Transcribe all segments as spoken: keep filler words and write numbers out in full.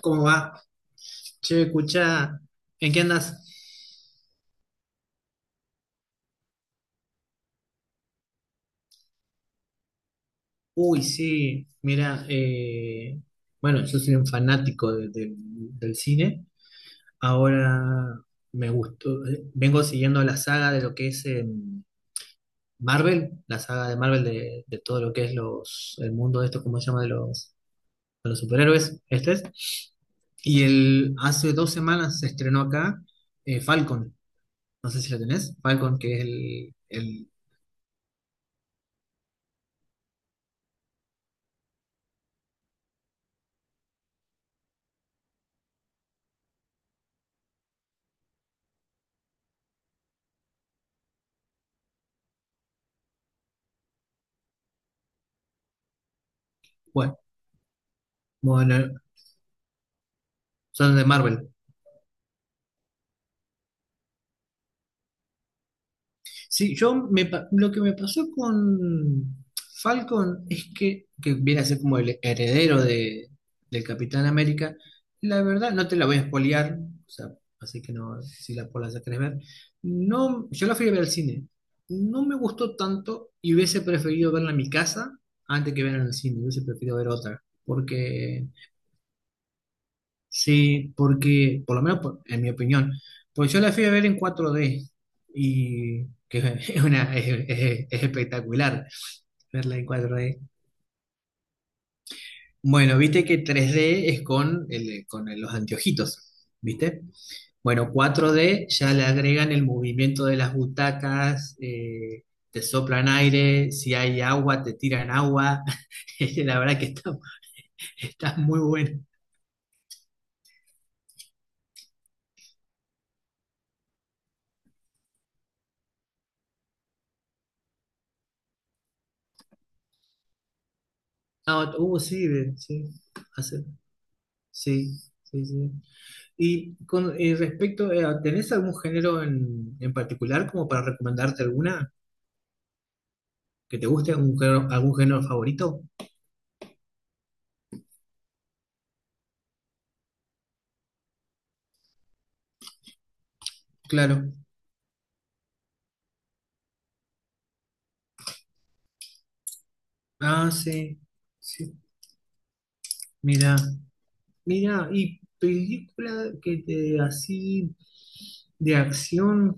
¿Cómo va? Che, escucha, ¿en qué andas? Uy, sí, mira, eh, bueno, yo soy un fanático de- de- del cine. Ahora me gustó, eh, vengo siguiendo la saga de lo que es em, Marvel, la saga de Marvel de, de todo lo que es los, el mundo de esto, ¿cómo se llama? De los, de los superhéroes, este es. Y el, hace dos semanas se estrenó acá eh, Falcon, no sé si lo tenés, Falcon, que es el, el bueno. Son de Marvel. Sí, yo me, pa- lo que me pasó con Falcon es que, que viene a ser como el heredero de, del Capitán América. La verdad, no te la voy a spoilear, o sea, así que no, si la, por la querés ver. No, yo la fui a ver al cine. No me gustó tanto y hubiese preferido verla en mi casa antes que verla en el cine. Hubiese preferido ver otra. Porque Sí, porque, por lo menos por- en mi opinión, pues yo la fui a ver en cuatro D y que es una, es, es- es espectacular verla en cuatro D. Bueno, viste que tres D es con, el, con el- los anteojitos, ¿viste? Bueno, cuatro D ya le agregan el movimiento de las butacas, eh, te soplan aire, si hay agua, te tiran agua. La verdad que está, está muy bueno. Ah, uh, sí, sí, hace- sí, sí, sí. Y con eh, respecto a, ¿tenés algún género en, en particular como para recomendarte alguna que te guste, algún género, algún género favorito? Claro. Ah, sí. Sí. Mira, mira, y película que te así de acción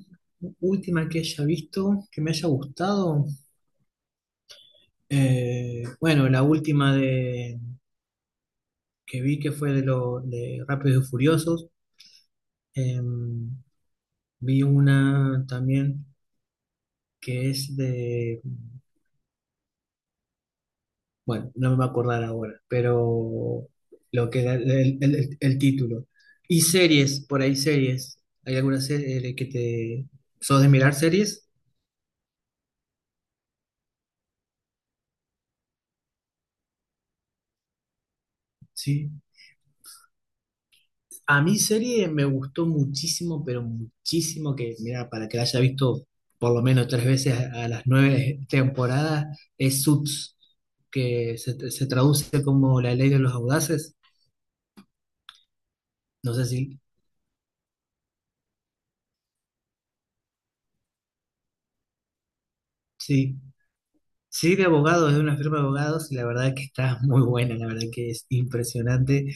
última que haya visto, que me haya gustado. Eh, bueno, la última de que vi que fue de los de Rápidos y Furiosos. Em, Vi una también que es de, bueno, no me voy a acordar ahora, pero lo que era el, el- el- el título. Y series, por ahí series. ¿Hay alguna serie que te... ¿Sos de mirar series? Sí. A mí serie me gustó muchísimo, pero muchísimo que, mira, para que la haya visto por lo menos tres veces a, a las nueve temporadas, es Suits, que se, se traduce como La Ley de los Audaces. No sé si... Sí, sí, de abogados, es una firma de abogados y la verdad que está muy buena, la verdad que es impresionante.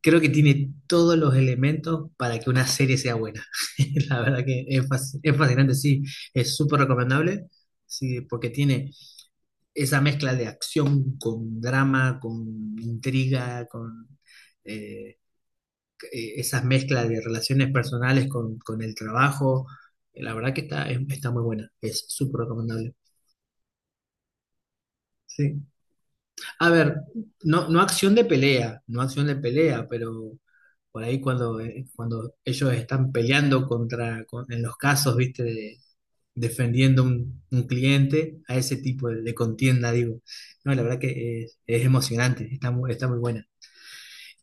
Creo que tiene todos los elementos para que una serie sea buena. La verdad que es, fasc- es fascinante, sí, es súper recomendable, sí, porque tiene esa mezcla de acción con drama, con intriga, con eh, eh, esas mezclas de relaciones personales con, con el trabajo. La verdad que está, es- está muy buena, es súper recomendable. Sí. A ver, no, no acción de pelea, no acción de pelea, pero por ahí cuando, eh, cuando ellos están peleando contra, con- en los casos, viste, de- defendiendo un, un cliente, a ese tipo de, de contienda, digo. No, la verdad que es, es emocionante, está muy, está muy buena.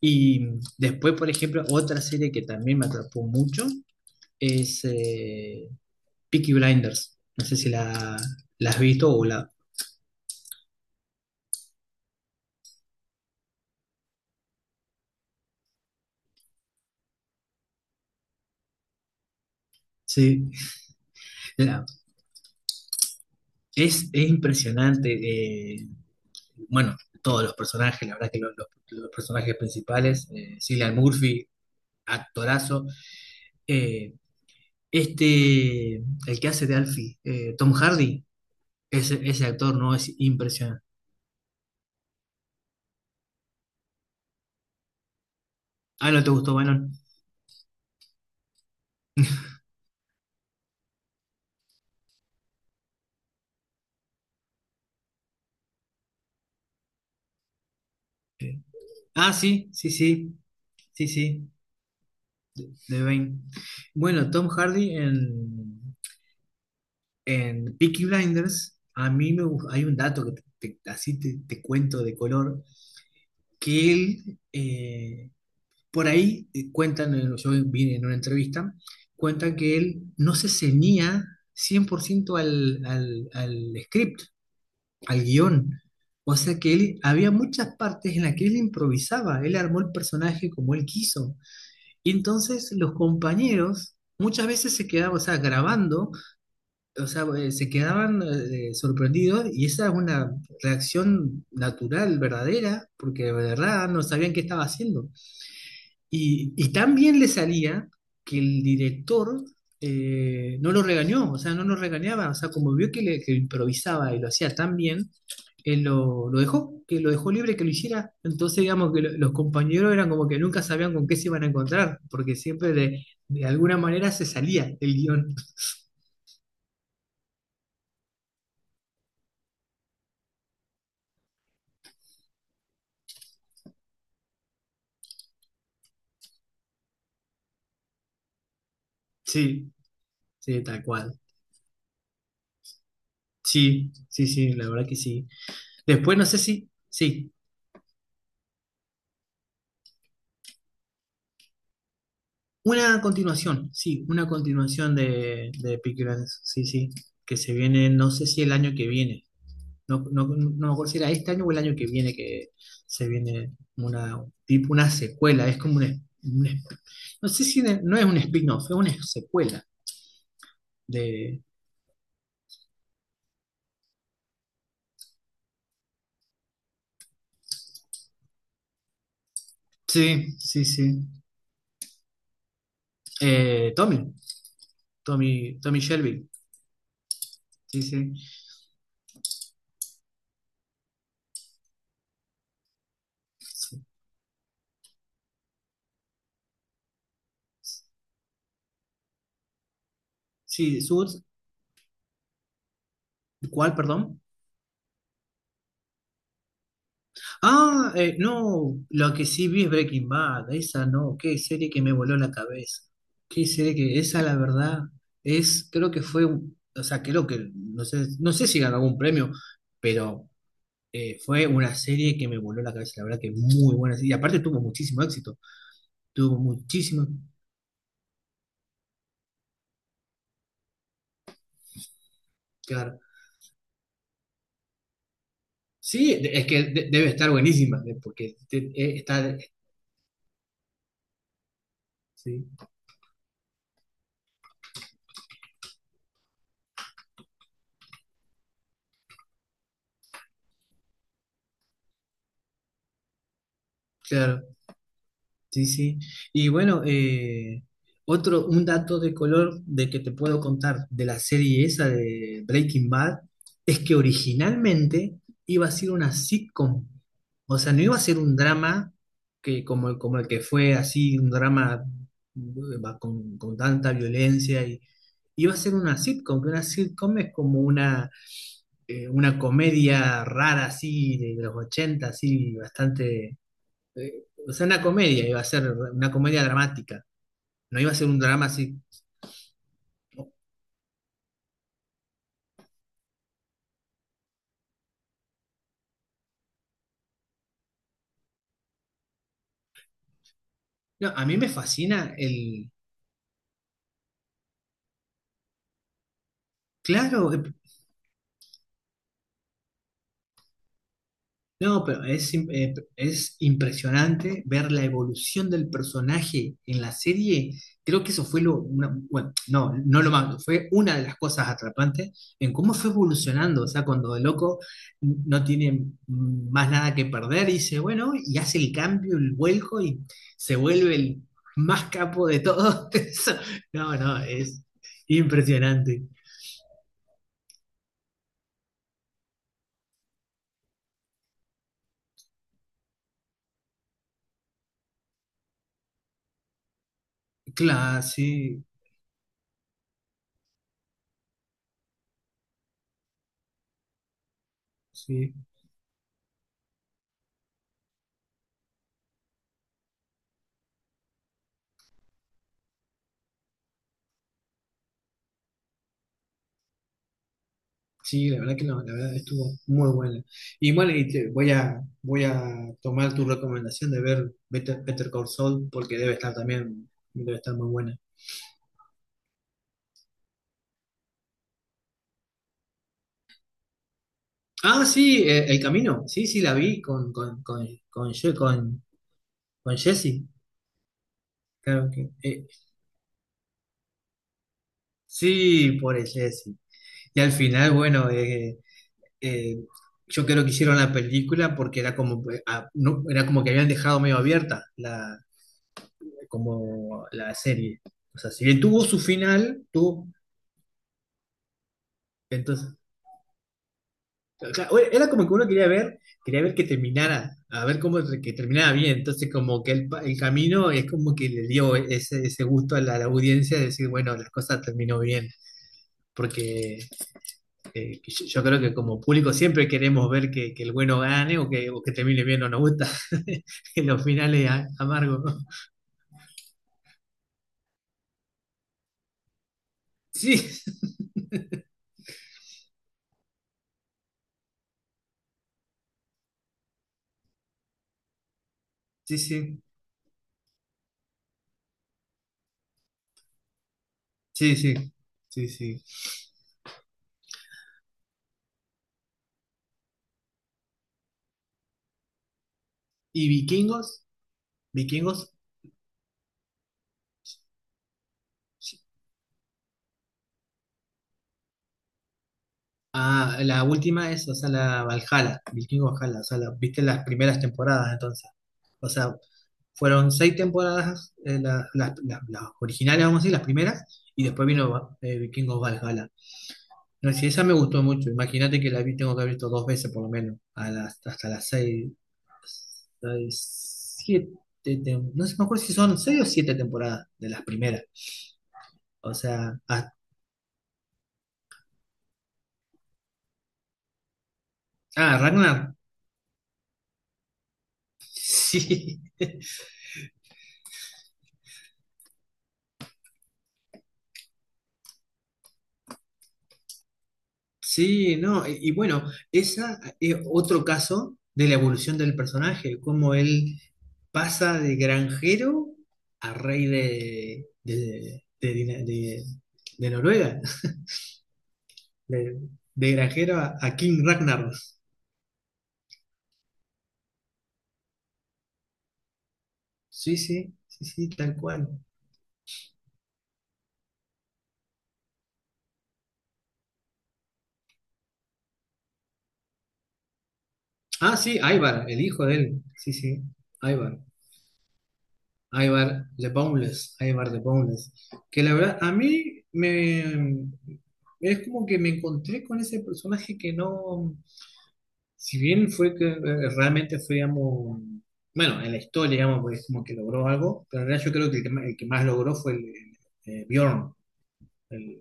Y mm, después, por ejemplo, otra serie que también me atrapó mucho es eh, Peaky Blinders. No sé si la, la has visto o la... Sí, la- es, es impresionante. Eh, bueno, todos los personajes, la verdad que los, los- los personajes principales, eh, Cillian Murphy, actorazo. Eh, este, el que hace de Alfie, eh, Tom Hardy, ese, ese actor no es impresionante. Ah, ¿no te gustó, Bannon? Eh, ah, sí, sí, sí, sí, sí, de Bane. Bueno, Tom Hardy en, en Peaky Blinders, a mí me gu- hay un dato que te- te- así te, te cuento de color, que él... eh, Por ahí eh, cuentan, eh, yo vi en una entrevista, cuentan que él no se ceñía cien por ciento al, al, al script, al guión. O sea que él, había muchas partes en las que él improvisaba, él armó el personaje como él quiso. Y entonces los compañeros muchas veces se quedaban, o sea, grabando, o sea, eh, se quedaban eh, sorprendidos y esa es una reacción natural, verdadera, porque de verdad no sabían qué estaba haciendo. Y, y tan bien le salía que el director eh, no lo regañó, o sea, no lo regañaba, o sea, como vio que, le, que improvisaba y lo hacía tan bien, él lo, lo dejó, que lo dejó libre que lo hiciera. Entonces, digamos que lo- los compañeros eran como que nunca sabían con qué se iban a encontrar, porque siempre de, de alguna manera se salía el guión. Sí, sí, tal cual. Sí, sí, sí, la verdad que sí. Después, no sé si, sí. Una continuación, sí, una continuación de, de Peaky Blinders, sí, sí, que se viene, no sé si el año que viene, no, no, no me acuerdo si era este año o el año que viene que se viene una, tipo una secuela, es como una, una- no sé si ne- no es un spin-off, es una secuela de, sí, sí, sí, eh, Tommy, Tommy, Tommy Shelby, sí, sí, sí, sí, Suits, ¿cuál, perdón? Ah, eh, no, lo que sí vi es Breaking Bad, esa no, qué serie que me voló la cabeza, qué serie que, esa la verdad, es, creo que fue, un- o sea, creo que, no sé, no sé si ganó algún premio, pero eh, fue una serie que me voló la cabeza, la verdad que muy buena, serie, y aparte tuvo muchísimo éxito, tuvo muchísimo, claro, sí, de- es que de- debe estar buenísima, eh, porque te- eh, está, sí, claro. Sí, sí. Y bueno, eh, otro, un dato de color de que te puedo contar de la serie esa de Breaking Bad es que originalmente iba a ser una sitcom. O sea, no iba a ser un drama que, como, el- como el que fue así, un drama eh, va con, con tanta violencia. Y, iba a ser una sitcom, que una sitcom es como una, eh, una comedia rara así de, de los ochenta así bastante eh, o sea, una comedia, iba a ser una comedia dramática, no iba a ser un drama así. No, a mí me fascina el, claro, eh, No, pero es, im- eh, es impresionante ver la evolución del personaje en la serie. Creo que eso fue lo, una- bueno, no, no lo más, fue una de las cosas atrapantes en cómo fue evolucionando. O sea, cuando el loco no tiene más nada que perder, dice, bueno, y hace el cambio, el vuelco y se vuelve el más capo de todo. No, no, es impresionante. Claro, sí, sí. Sí, la verdad que no, la verdad estuvo muy buena. Y bueno, y te- voy a, voy a, tomar tu recomendación de ver Better, Better Call Saul porque debe estar también, debe estar muy buena. Ah, sí, eh, El Camino, sí, sí, la vi con, con, con, con, Ye- con, con Jesse, claro que, eh, sí, pobre Jesse. Y al final, bueno, eh, eh, yo creo que hicieron la película porque era como, eh, ah, no, era como que habían dejado medio abierta como la serie. O sea, si bien tuvo su final, tuvo, entonces, claro, era como que uno quería ver, quería ver, que terminara, a ver cómo que terminaba bien. Entonces, como que el, pa- el camino es como que le dio ese, ese gusto a la, a la audiencia de decir, bueno, las cosas terminó bien. Porque eh, que yo, yo creo que como público siempre queremos ver que, que el bueno gane o que, o que termine bien, no nos gusta en los finales a- amargos. ¿No? Sí, sí, sí, sí, sí, sí, sí. ¿Y vikingos? ¿Vikingos? Ah, la última es, o sea, la Valhalla, Vikingo Valhalla, o sea, la- viste las primeras temporadas entonces. O sea, fueron seis temporadas, eh, la- la- la- las originales, vamos a decir, las primeras, y después vino Va- eh, Vikingos Valhalla. No, si esa me gustó mucho, imagínate que la vi, tengo que haber visto dos veces por lo menos, a las- hasta las seis, seis, siete, tem- no sé, me acuerdo si son seis o siete temporadas de las primeras. O sea, ah, ah, Ragnar, sí. Sí, no, y, y bueno, esa es otro caso de la evolución del personaje, cómo él pasa de granjero a rey de, de, de, Dina- de- de Noruega, de, de granjero a, a King Ragnar. Sí, sí, sí, sí, tal cual. Ah, sí, Ivar, el hijo de él. Sí, sí, Ivar. Ivar the Boundless, Ivar the Boundless, que la verdad a mí me es como que me encontré con ese personaje que no, si bien fue que eh, realmente fue, digamos, bueno, en la historia, digamos, pues como que logró algo, pero en realidad yo creo que el que más, el que más logró fue el, el, eh, Bjorn el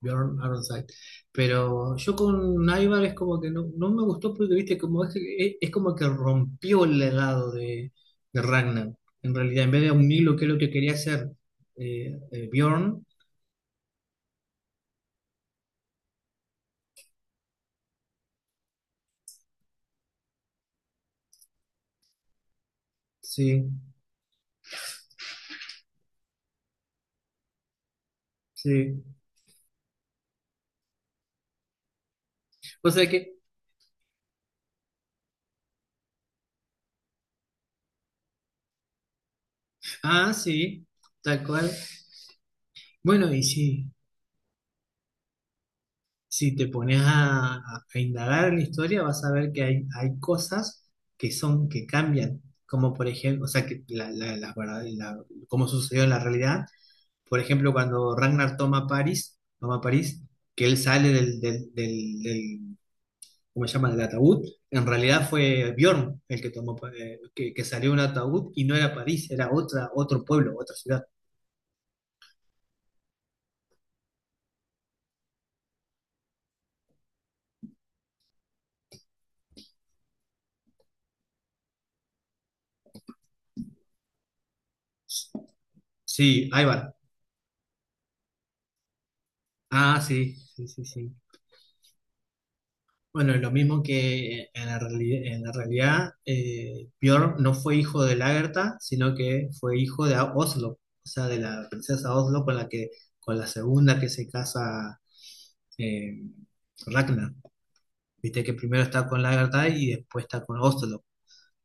Bjorn Ironside. Pero yo con Ivar es como que no, no me gustó porque, viste, como es, que- es, como que rompió el legado de, de Ragnar. En realidad, en vez de unirlo, que es lo que quería hacer eh, eh, Bjorn, sí, sí. O sea que, ah, sí, tal cual. Bueno, y sí. Si te pones a, a- a indagar en la historia, vas a ver que hay, hay cosas que son, que cambian, como por ejemplo, o sea, que la, la, la verdad- la- como sucedió en la realidad, por ejemplo, cuando Ragnar toma París, toma París, que él sale del, del, del, del- ¿cómo se llama?, del ataúd, en realidad fue Bjorn el que tomó, Pa- eh, que, que salió de un ataúd y no era París, era otra, otro pueblo, otra ciudad. Sí, Ivar. Ah, sí, sí, sí, sí. Bueno, lo mismo que en la, reali- en la realidad, eh, Björn no fue hijo de Lagertha, sino que fue hijo de Oslo, o sea, de la princesa Oslo con la que, con la segunda que se casa eh, Ragnar. Viste que primero está con Lagertha y después está con Oslo.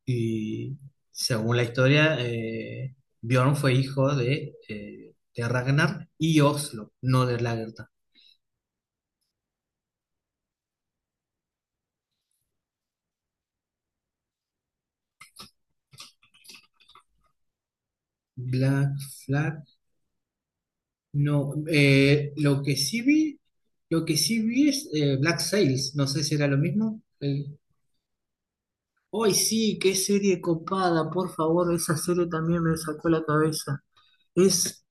Y según la historia, eh, Björn fue hijo de, eh, de Ragnar y Oslo, no de Lagertha. Black Flag. No, eh, lo que sí vi, lo que sí vi es eh, Black Sails, no sé si era lo mismo. El... ¡Ay, sí! ¡Qué serie copada! Por favor, esa serie también me sacó la cabeza. Es,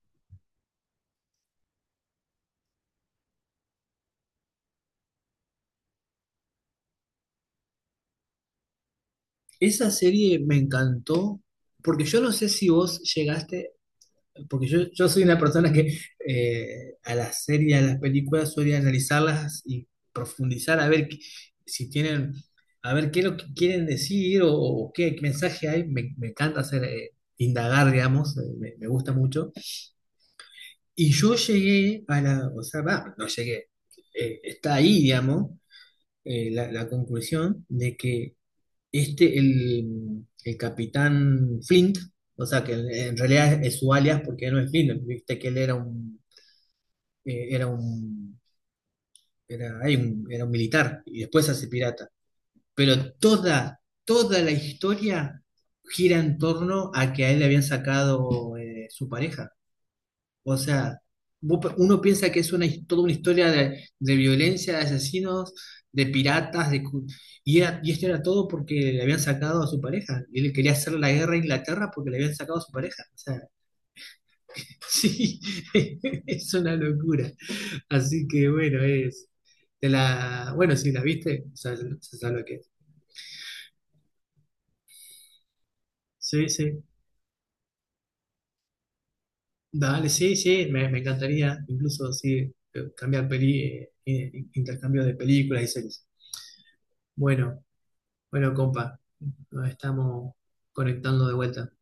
esa serie me encantó, porque yo no sé si vos llegaste. Porque yo, yo, soy una persona que eh, a las series, a las películas suele analizarlas y profundizar a ver qué- si tienen, a ver qué es lo que quieren decir o, o qué mensaje hay. Me, me encanta hacer, eh, indagar, digamos, eh, me, me gusta mucho. Y yo llegué a la, o sea, va, no llegué. Eh, está ahí, digamos, eh, la, la conclusión de que este, el, el capitán Flint, o sea, que en, en realidad es su alias porque no es Flint, viste que él era un eh, era un, era, hay un- era un militar y después se hace pirata. Pero toda, toda la historia gira en torno a que a él le habían sacado eh, su pareja. O sea, vos pe- uno piensa que es una, his- toda una historia de, de violencia, de asesinos, de piratas, de, cu- y, era- y esto era todo porque le habían sacado a su pareja. Y él quería hacer la guerra a Inglaterra porque le habían sacado a su pareja. O sea, sí, es una locura. Así que bueno, es. Te la. Bueno, si la viste, o sea, se sabe lo que es. Sí, sí. Dale, sí, sí, me, me encantaría, incluso sí, cambiar peli, eh, eh, intercambio de películas y series. Bueno, bueno, compa, nos estamos conectando de vuelta.